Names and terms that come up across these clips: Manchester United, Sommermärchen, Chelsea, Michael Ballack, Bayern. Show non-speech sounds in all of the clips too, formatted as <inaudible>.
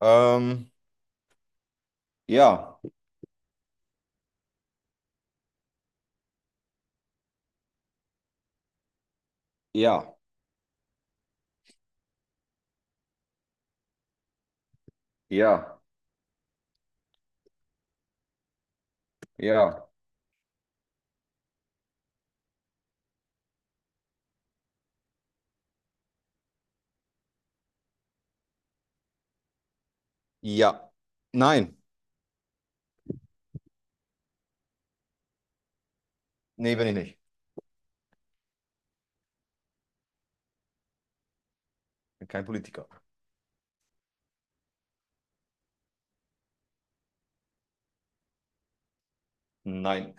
Ähm, ja, ja, Ja, ja. ja. Nein. Nee, bin ich nicht. Bin kein Politiker. Nein.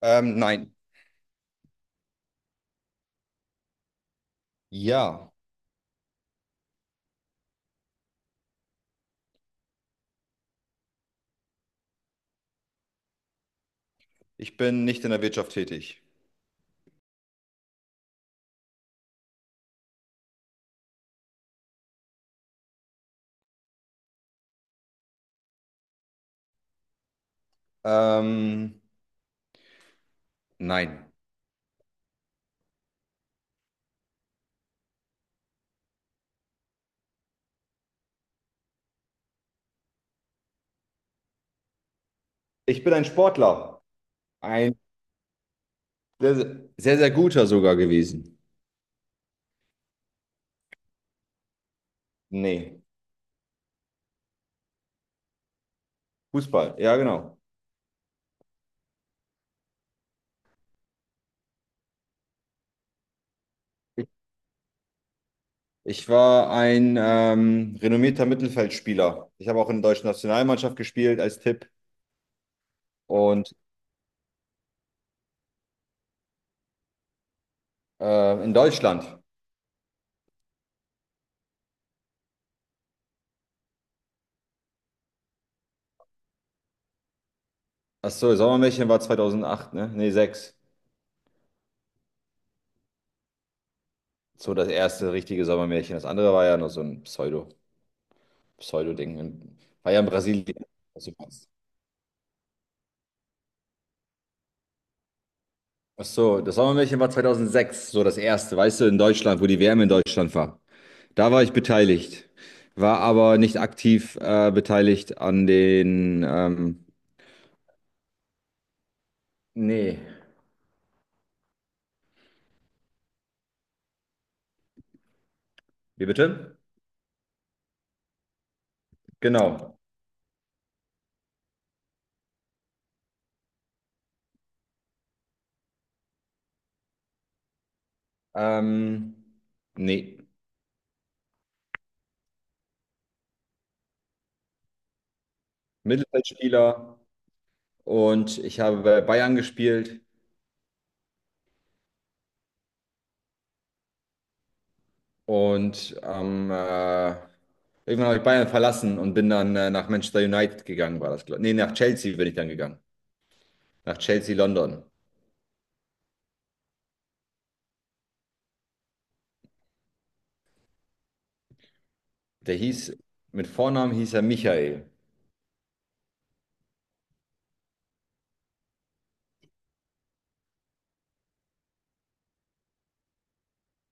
Nein. Ja. Ich bin nicht in der Wirtschaft tätig. Ähm, nein. Ich bin ein Sportler. Ein sehr, sehr, sehr guter sogar gewesen. Nee. Fußball. Ja, genau. Ich ich war ein renommierter Mittelfeldspieler. Ich habe auch in der deutschen Nationalmannschaft gespielt als Tipp und in Deutschland. Ach so, Sommermärchen war 2008, ne? Nee, 6. So das erste richtige Sommermärchen. Das andere war ja noch so ein Pseudo-Ding, war ja in Brasilien. Also, Ach so, das Sommermärchen war 2006, so das erste, weißt du, in Deutschland, wo die WM in Deutschland war. Da war ich beteiligt, war aber nicht aktiv beteiligt an den. Nee. Wie bitte? Genau. Ähm, nee. Mittelfeldspieler und ich habe bei Bayern gespielt. Und irgendwann habe ich Bayern verlassen und bin dann nach Manchester United gegangen, war das, glaube ich. Nee, nach Chelsea bin ich dann gegangen. Nach Chelsea London. Der hieß, mit Vornamen hieß er Michael.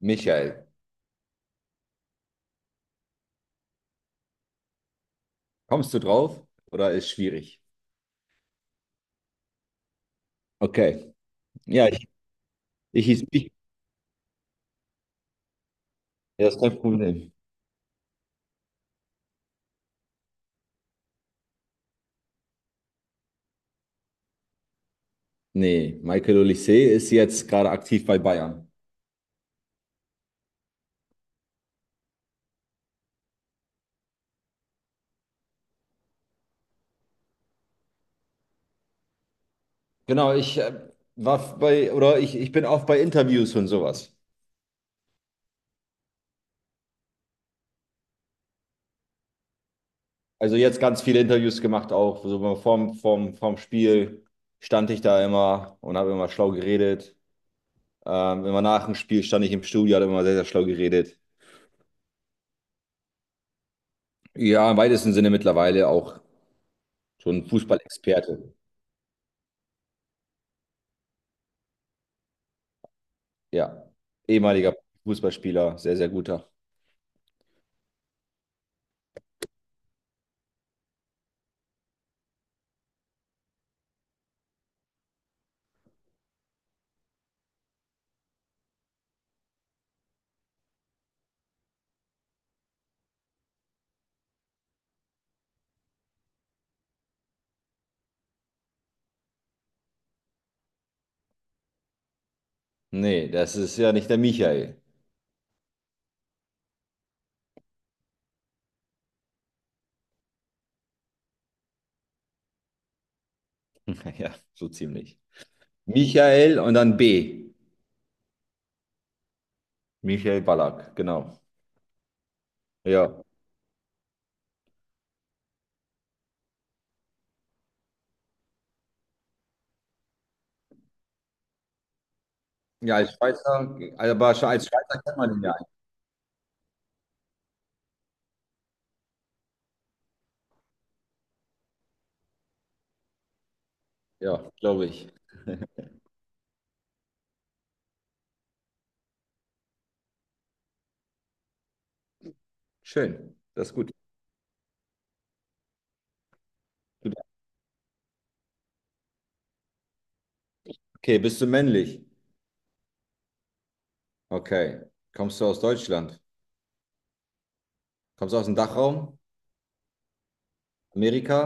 Michael. Kommst du drauf oder ist schwierig? Okay. Ja, ich hieß Mich. Ja, ist kein Problem. Nee, Michael Olise ist jetzt gerade aktiv bei Bayern. Genau, ich war bei, oder ich bin auch bei Interviews und sowas. Also jetzt ganz viele Interviews gemacht auch. So vorm Spiel stand ich da immer und habe immer schlau geredet. Immer nach dem Spiel stand ich im Studio, habe immer sehr, sehr schlau geredet. Ja, im weitesten Sinne mittlerweile auch schon Fußballexperte. Ja, ehemaliger Fußballspieler, sehr, sehr guter. Nee, das ist ja nicht der Michael. <laughs> Ja, so ziemlich. Michael und dann B. Michael Ballack, genau. Ja. Ja, als Schweizer, aber als Schweizer kennt man ihn ja eigentlich. Ja, glaube ich. Schön, das ist gut. Okay, bist du männlich? Okay. Kommst du aus Deutschland? Kommst du aus dem Dachraum? Amerika?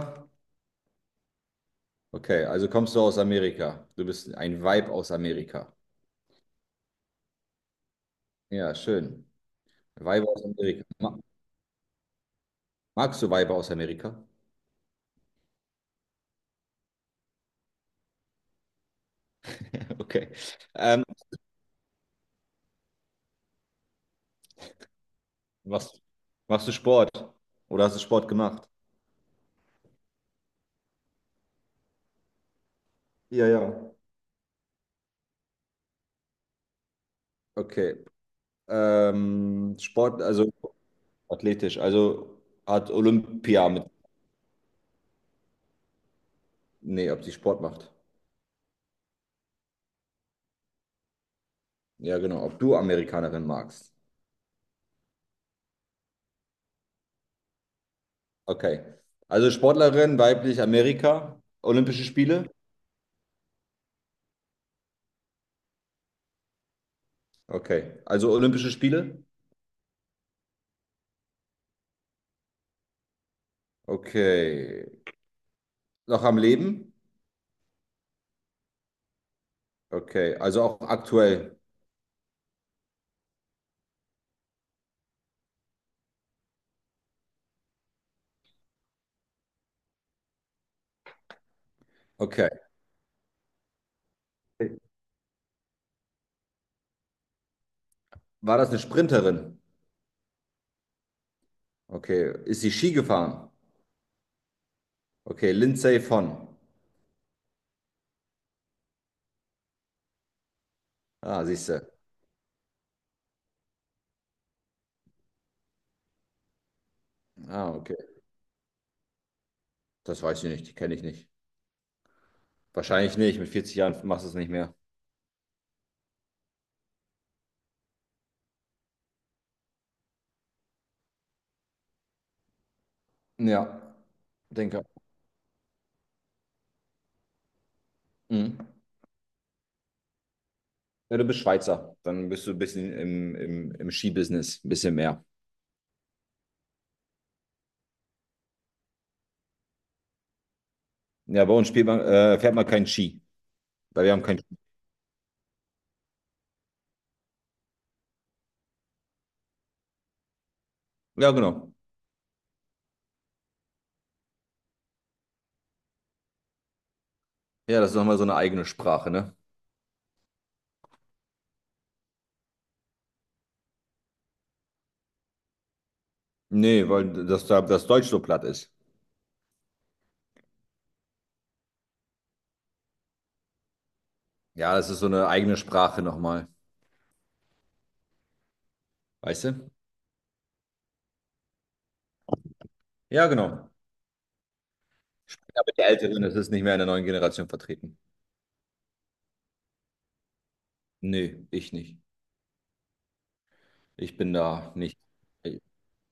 Okay, also kommst du aus Amerika. Du bist ein Weib aus Amerika. Ja, schön. Weiber aus Amerika. Ma magst du Weiber aus Amerika? <laughs> Okay. Ähm, machst, machst du Sport? Oder hast du Sport gemacht? Ja, ja. Okay. Sport, also athletisch, also hat Olympia mit. Nee, ob sie Sport macht. Ja, genau. Ob du Amerikanerin magst. Okay. Also Sportlerin, weiblich, Amerika, Olympische Spiele. Okay. Also Olympische Spiele. Okay. Noch am Leben? Okay. Also auch aktuell. Okay. War das eine Sprinterin? Okay. Ist sie Ski gefahren? Okay. Lindsay von. Ah, siehst du. Ah, okay. Das weiß ich nicht. Die kenne ich nicht. Wahrscheinlich nicht. Mit 40 Jahren machst du es nicht mehr. Ja, denke. Mhm. Ja, du bist Schweizer, dann bist du ein bisschen im Skibusiness, ein bisschen mehr. Ja, bei uns spielt man, fährt man keinen Ski, weil wir haben keinen Ski. Ja, genau. Ja, das ist nochmal so eine eigene Sprache, ne? Nee, weil das Deutsch so platt ist. Ja, das ist so eine eigene Sprache nochmal, weißt du? Ja, genau. Sprechen aber die Älteren, das ist nicht mehr in der neuen Generation vertreten. Nee, ich nicht. Ich bin da nicht.